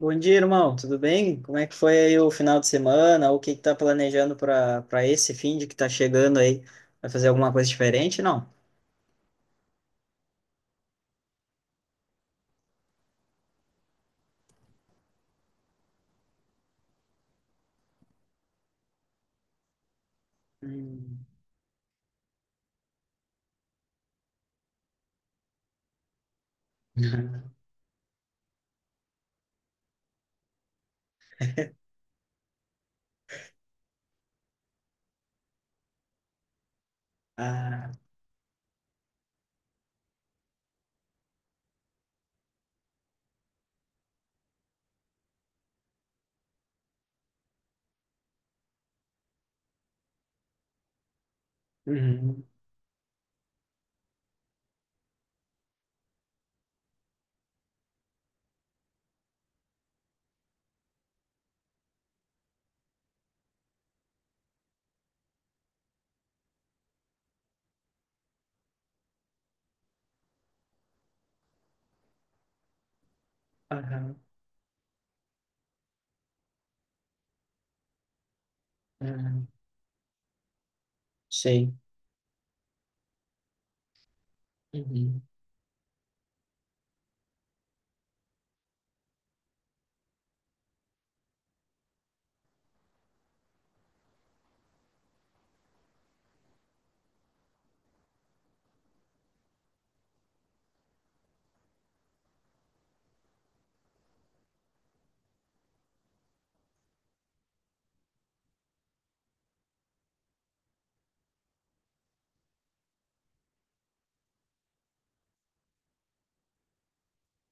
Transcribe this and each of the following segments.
Bom dia, irmão. Tudo bem? Como é que foi aí o final de semana? O que que tá planejando para esse fim de que tá chegando aí? Vai fazer alguma coisa diferente? Não. Hum. Ah, uhum, aham, uhum, sei. Uhum,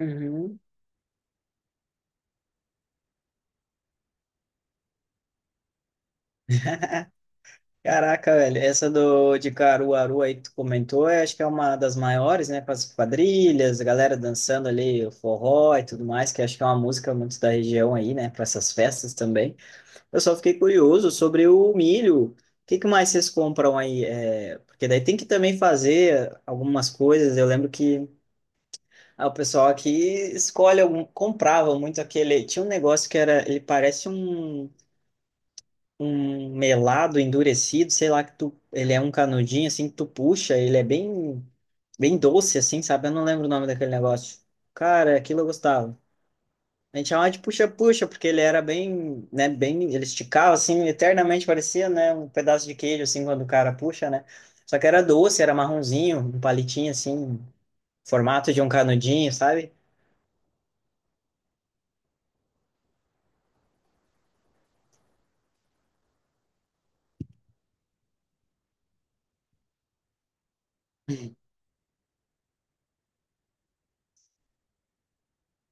uhum. Caraca, velho, essa do de Caruaru aí que tu comentou, eu acho que é uma das maiores, né, com as quadrilhas, a galera dançando ali o forró e tudo mais, que eu acho que é uma música muito da região aí, né, para essas festas também. Eu só fiquei curioso sobre o milho. O que que mais vocês compram aí? É, porque daí tem que também fazer algumas coisas. Eu lembro que ah, o pessoal aqui escolhe algum, comprava muito aquele. Tinha um negócio que era, ele parece um, um melado endurecido, sei lá que tu, ele é um canudinho assim que tu puxa, ele é bem doce assim, sabe? Eu não lembro o nome daquele negócio. Cara, aquilo eu gostava. A gente chamava de puxa-puxa, porque ele era bem, né, bem, ele esticava assim, eternamente parecia, né, um pedaço de queijo assim quando o cara puxa, né? Só que era doce, era marronzinho, um palitinho assim, formato de um canudinho, sabe?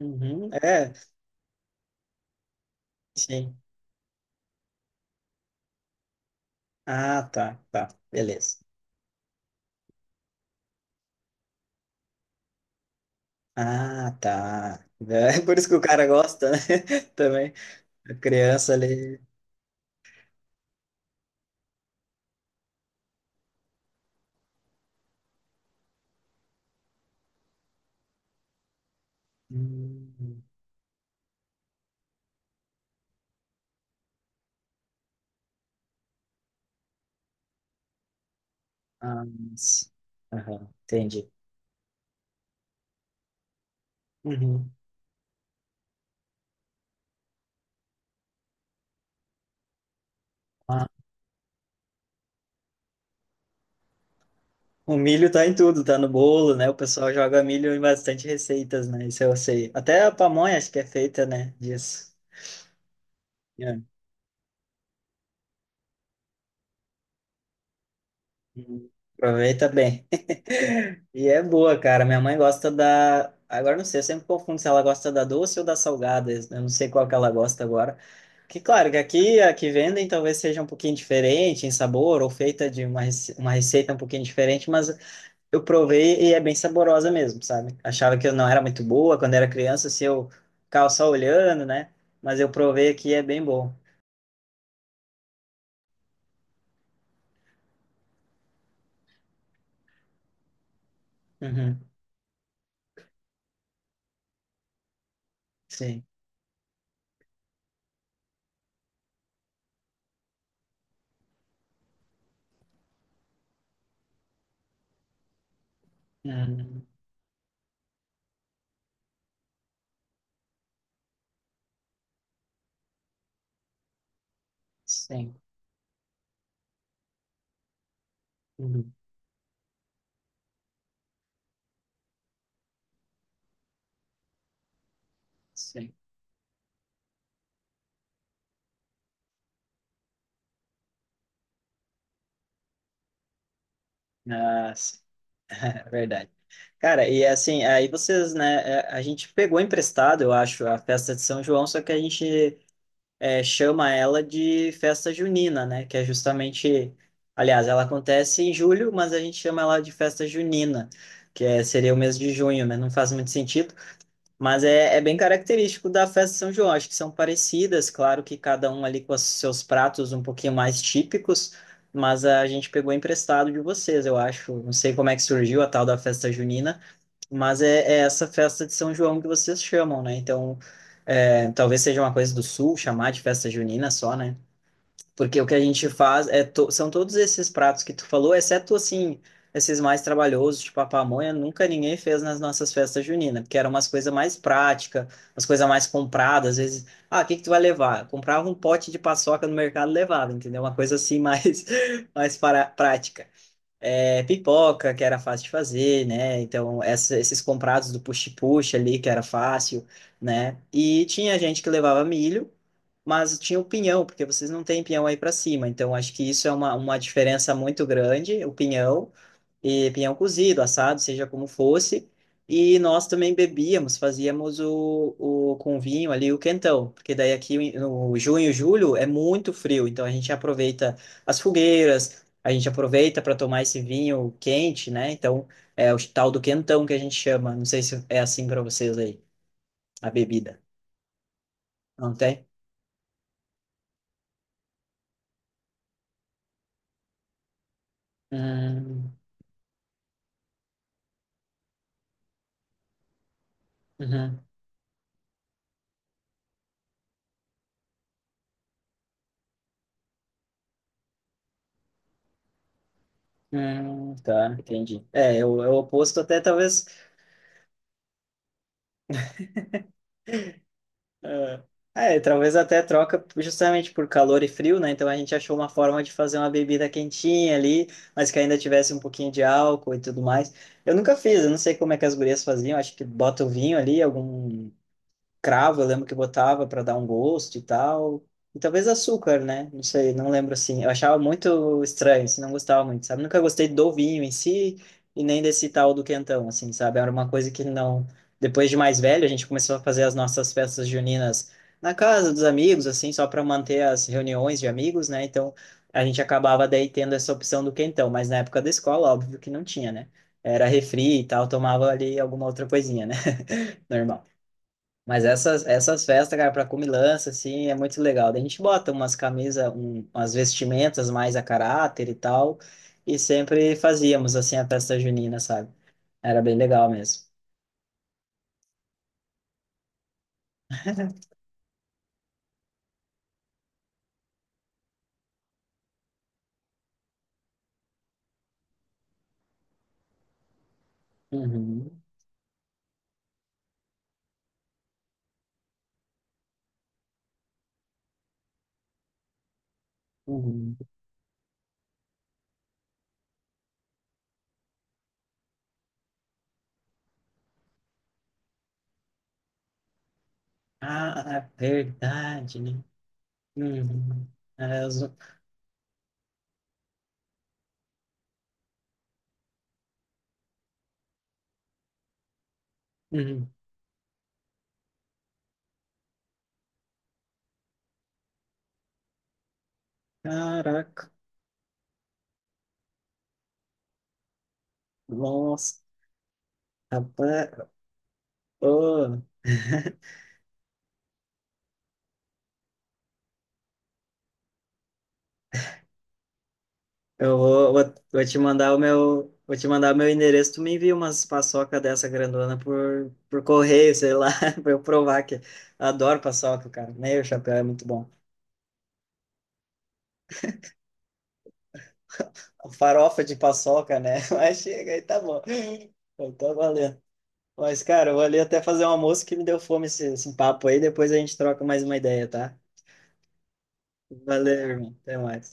Uhum, é, sim. Ah, tá, tá, beleza. Ah, tá. É por isso que o cara gosta, né? Também. A criança ali. Hum, ah, mas- aham, entendi. Uhum. Ah, o milho tá em tudo, tá no bolo, né? O pessoal joga milho em bastante receitas, né? Isso eu sei. Até a pamonha acho que é feita, né? Disso. É. Uhum. Aproveita bem. E é boa, cara. Minha mãe gosta da. Agora não sei, eu sempre confundo se ela gosta da doce ou da salgada. Eu não sei qual que ela gosta agora. Que claro que aqui a que vendem talvez seja um pouquinho diferente em sabor ou feita de uma, rece- uma receita um pouquinho diferente, mas eu provei e é bem saborosa mesmo, sabe? Achava que eu não era muito boa quando era criança, se eu ficava só olhando, né? Mas eu provei aqui e é bem bom. Uhum, sim. Uhum, sim. Uhum, sim. Ah, sim. É verdade. Cara, e assim, aí vocês, né? É, a gente pegou emprestado, eu acho, a festa de São João, só que a gente é, chama ela de festa junina, né? Que é justamente, aliás, ela acontece em julho, mas a gente chama ela de festa junina, que é, seria o mês de junho, né? Não faz muito sentido, mas é, é bem característico da festa de São João. Acho que são parecidas, claro que cada um ali com os seus pratos um pouquinho mais típicos, mas a gente pegou emprestado de vocês, eu acho. Não sei como é que surgiu a tal da festa junina. Mas é, é essa festa de São João que vocês chamam, né? Então, é, talvez seja uma coisa do Sul chamar de festa junina só, né? Porque o que a gente faz é to- são todos esses pratos que tu falou, exceto assim, esses mais trabalhosos, tipo a pamonha, nunca ninguém fez nas nossas festas juninas, porque eram umas coisas mais práticas, umas coisas mais compradas, às vezes, ah, o que que tu vai levar? Comprava um pote de paçoca no mercado e levava, entendeu? Uma coisa assim mais mais para prática é, pipoca, que era fácil de fazer, né? Então, essa- esses comprados do puxa-puxa ali, que era fácil, né? E tinha gente que levava milho, mas tinha o pinhão, porque vocês não têm pinhão aí para cima. Então, acho que isso é uma diferença muito grande, o pinhão e pinhão cozido, assado, seja como fosse. E nós também bebíamos, fazíamos o com vinho ali o quentão, porque daí aqui no junho, julho é muito frio, então a gente aproveita as fogueiras, a gente aproveita para tomar esse vinho quente, né? Então é o tal do quentão que a gente chama. Não sei se é assim para vocês aí, a bebida. Não tem? Hum, uhum, tá, entendi. É, é o é o oposto até talvez é, é, talvez até troca justamente por calor e frio, né? Então a gente achou uma forma de fazer uma bebida quentinha ali, mas que ainda tivesse um pouquinho de álcool e tudo mais. Eu nunca fiz, eu não sei como é que as gurias faziam, acho que bota o vinho ali, algum cravo, eu lembro que botava para dar um gosto e tal. E talvez açúcar, né? Não sei, não lembro assim. Eu achava muito estranho, assim, não gostava muito, sabe? Nunca gostei do vinho em si e nem desse tal do quentão, assim, sabe? Era uma coisa que não. Depois de mais velho, a gente começou a fazer as nossas festas juninas na casa dos amigos, assim, só para manter as reuniões de amigos, né? Então a gente acabava daí tendo essa opção do quentão, mas na época da escola, óbvio que não tinha, né? Era refri e tal, tomava ali alguma outra coisinha, né? Normal. Mas essas festas, cara, pra comilança, assim, é muito legal. Daí a gente bota umas camisas, um, umas vestimentas mais a caráter e tal, e sempre fazíamos, assim, a festa junina, sabe? Era bem legal mesmo. Uhum, uhum. Ah, é verdade, né? Uhum. É, os- uhum. Caraca, nossa, rapaz, oh. Eu vou te mandar o meu, vou te mandar o meu endereço. Tu me envia umas paçoca dessa grandona por correio, sei lá, pra eu provar que adoro paçoca, cara. Meio chapéu é muito bom. Farofa de paçoca, né? Mas chega aí, tá bom. Eu tô valendo. Mas, cara, eu vou ali até fazer um almoço que me deu fome esse papo aí. Depois a gente troca mais uma ideia, tá? Valeu, irmão. Até mais.